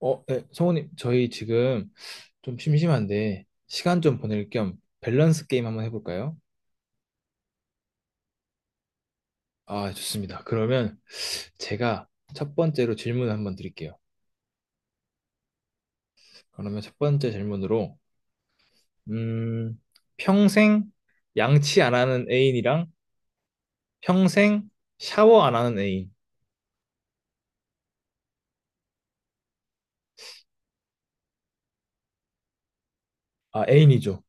어, 네, 성우님, 저희 지금 좀 심심한데 시간 좀 보낼 겸 밸런스 게임 한번 해볼까요? 아, 좋습니다. 그러면 제가 첫 번째로 질문을 한번 드릴게요. 그러면 첫 번째 질문으로, 음, 평생 양치 안 하는 애인이랑 평생 샤워 안 하는 애인. 아, 애인이죠.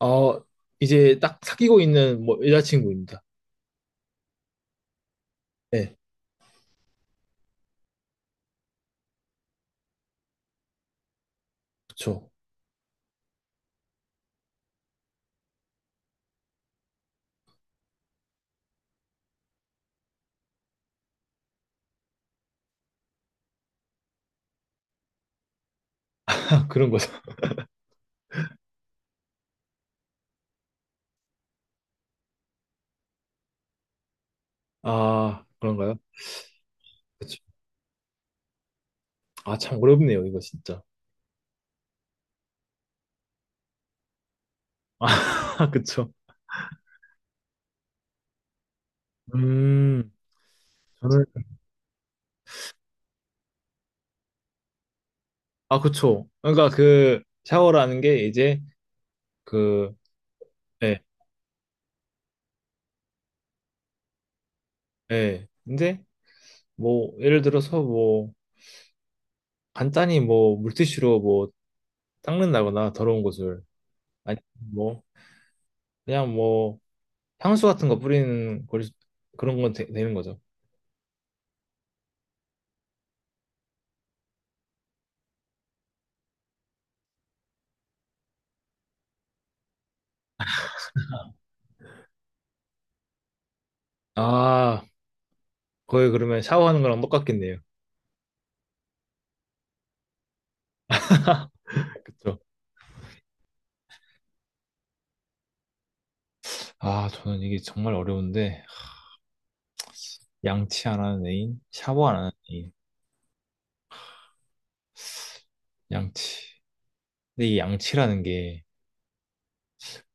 어, 이제 딱 사귀고 있는 뭐 여자친구입니다. 네, 그쵸. 그런 거죠. 아, 그런가요? 그쵸. 아, 참 어렵네요, 이거 진짜. 아, 그쵸. 음, 저는, 아, 그쵸. 그러니까 그 샤워라는 게 이제 그, 예, 예. 근데 뭐, 예를 들어서 뭐, 간단히 뭐, 물티슈로 뭐, 닦는다거나 더러운 곳을. 아니, 뭐, 그냥 뭐, 향수 같은 거 뿌리는 걸, 그런 건 되, 는 거죠. 아, 거의 그러면 샤워하는 거랑 똑같겠네요. 그쵸. 아, 저는 이게 정말 어려운데, 양치 안 하는 애인, 샤워 안 하는 애인, 양치. 근데 이 양치라는 게,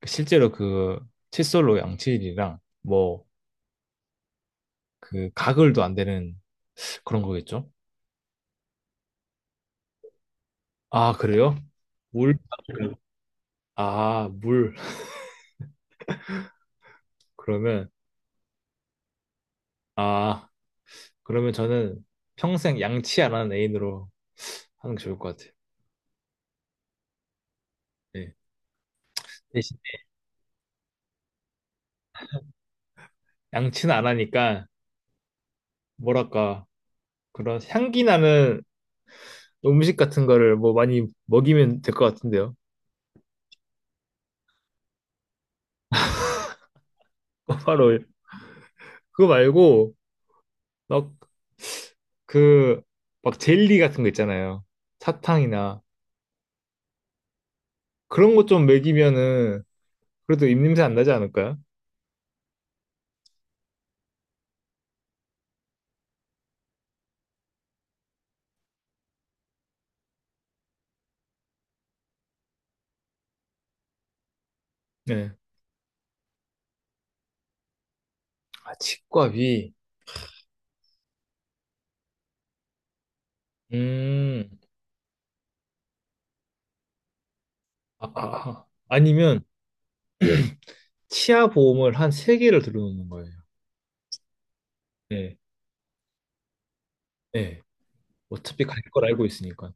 실제로 그 칫솔로 양치질이랑 뭐 그 가글도 안 되는 그런 거겠죠? 아, 그래요? 물? 아, 물. 그러면 아, 그러면 저는 평생 양치 안 하는 애인으로 하는 게 좋을 것 같아요. 네. 대신 양치는 안 하니까 뭐랄까 그런 향기 나는 음식 같은 거를 뭐 많이 먹이면 될 것 같은데요. 바로 그거 말고 막 그 막 젤리 같은 거 있잖아요. 사탕이나 그런 것 좀 먹이면은 그래도 입냄새 안 나지 않을까요? 네. 아, 치과비. 음. 아, 아, 아. 니면 치아 보험을 한 세개를 들어놓는 거예요. 네. 네. 어차피 갈 걸 알고 있으니까.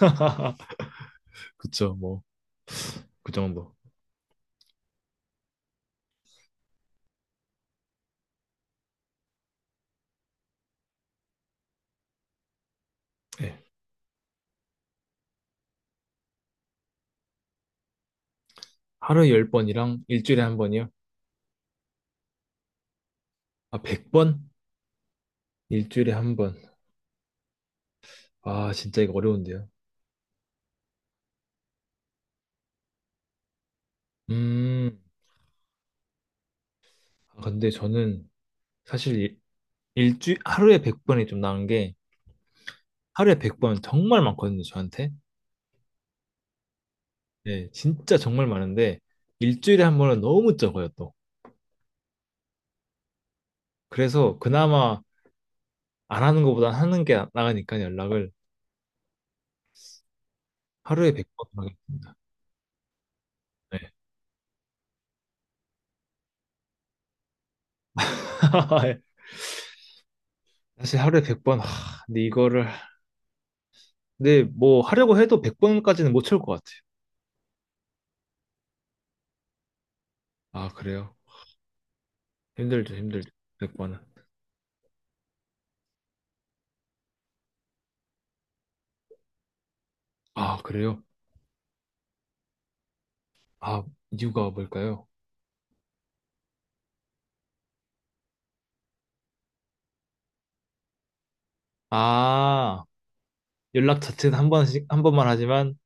그쵸, 뭐. 그 정도. 네. 하루에 열 번이랑 일주일에 한 번이요? 아, 100번? 일주일에 한 번. 아, 진짜 이거 어려운데요. 음. 아, 근데 저는 사실 일, 일주 하루에 100번이 좀 나은 게 하루에 100번 정말 많거든요, 저한테. 네, 진짜 정말 많은데 일주일에 한 번은 너무 적어요, 또. 그래서 그나마 안 하는 것보다 하는 게 나가니까 연락을 하루에 100번 하겠습니다. 네. 사실 하루에 100번, 하, 근데 이거를, 근데 뭐 하려고 해도 100번까지는 못 채울 것 같아요. 아, 그래요? 힘들죠, 힘들죠. 100번은. 아, 그래요? 아, 이유가 뭘까요? 아, 연락 자체는 한 번씩, 한 번만 하지만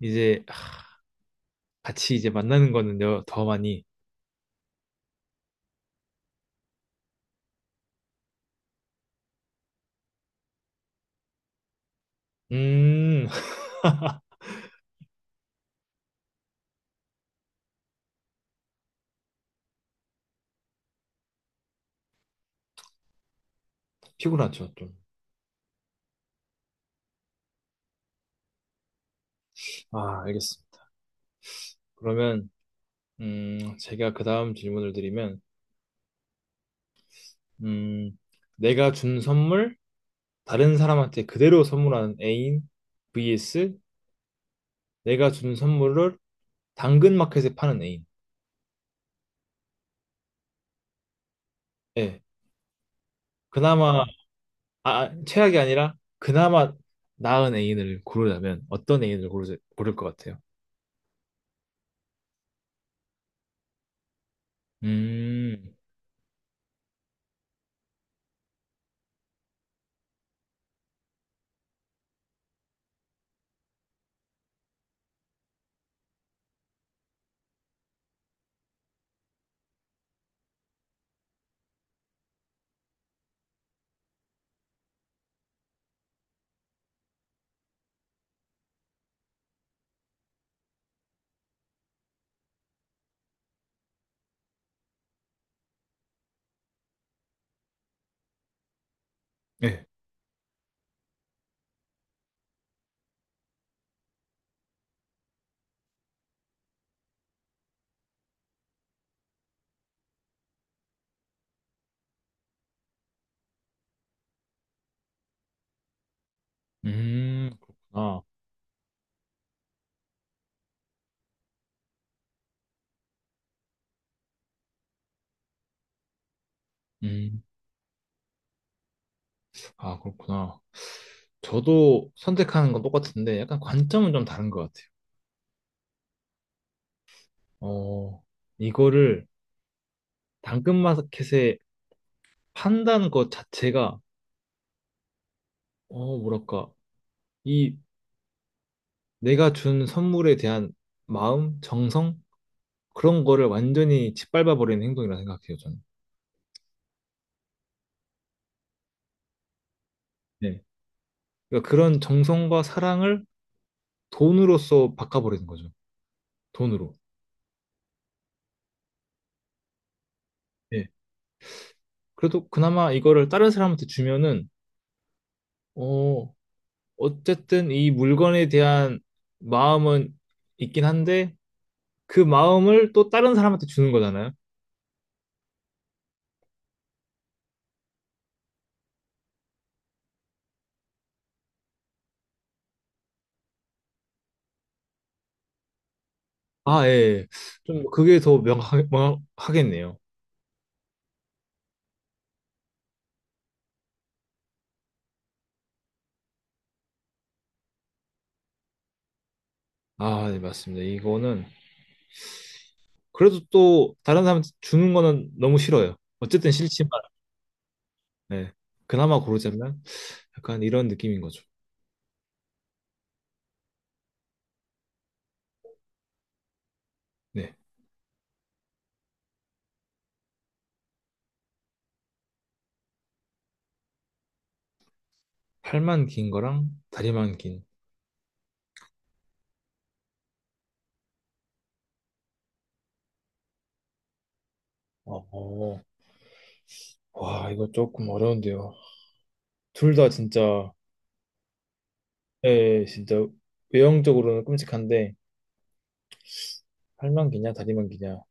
이제 같이 이제 만나는 거는 더 많이, 음, 피곤하죠, 좀. 아, 알겠습니다. 그러면 제가 그 다음 질문을 드리면 음, 내가 준 선물 다른 사람한테 그대로 선물하는 애인 vs 내가 준 선물을 당근마켓에 파는 애인. 예. 그나마 아, 아, 최악이 아니라 그나마 나은 애인을 고르자면 어떤 애인을 고르, 고를 것 같아요? 음, 예. 그렇구나. 음, 아, 그렇구나. 저도 선택하는 건 똑같은데 약간 관점은 좀 다른 것 같아요. 어, 이거를 당근마켓에 판다는 것 자체가, 어, 뭐랄까, 이 내가 준 선물에 대한 마음, 정성? 그런 거를 완전히 짓밟아버리는 행동이라 생각해요, 저는. 네. 그러니까 그런 정성과 사랑을 돈으로써 바꿔버리는 거죠. 돈으로. 네. 그래도 그나마 이거를 다른 사람한테 주면은, 어, 어쨌든 이 물건에 대한 마음은 있긴 한데, 그 마음을 또 다른 사람한테 주는 거잖아요. 아, 예. 예. 좀 그게 더 명확, 명확하겠네요. 아, 네, 맞습니다. 이거는 그래도 또 다른 사람 주는 거는 너무 싫어요. 어쨌든 싫지만, 네. 그나마 고르자면 약간 이런 느낌인 거죠. 네. 팔만 긴 거랑 다리만 긴. 어, 어. 와, 이거 조금 어려운데요. 둘 다 진짜, 예, 진짜 외형적으로는 끔찍한데, 팔만 기냐, 다리만 기냐.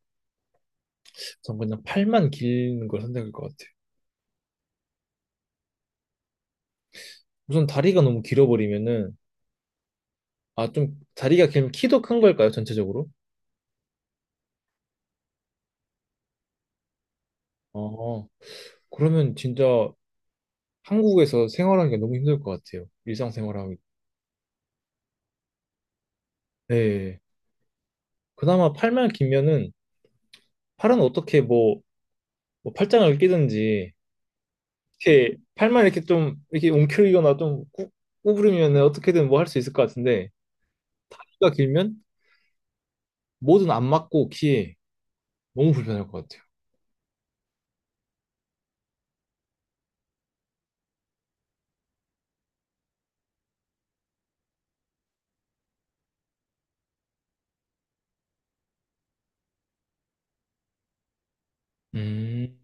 전 그냥 팔만 긴 걸 선택할 것 같아요. 우선 다리가 너무 길어버리면은 아, 좀 다리가 길면 키도 큰 걸까요, 전체적으로? 어, 그러면 진짜 한국에서 생활하는 게 너무 힘들 것 같아요. 일상생활하기. 네. 그나마 팔만 길면은 팔은 어떻게 뭐, 뭐 팔짱을 끼든지 이렇게 팔만 이렇게 좀 이렇게 움켜리거나 좀 꾸, 구부리면 어떻게든 뭐 할 수 있을 것 같은데 다리가 길면 뭐든 안 맞고 키에 너무 불편할 것 같아요. 음,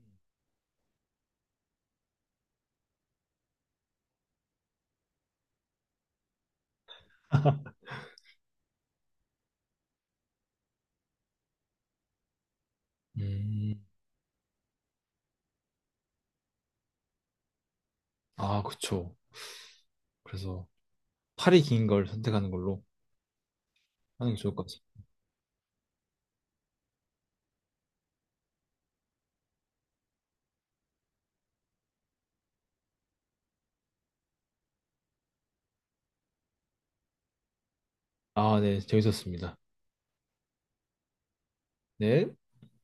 음. 아, 그쵸. 그래서 팔이 긴 걸 선택하는 걸로 하는 게 좋을 것 아 네. 재밌었습니다. 네.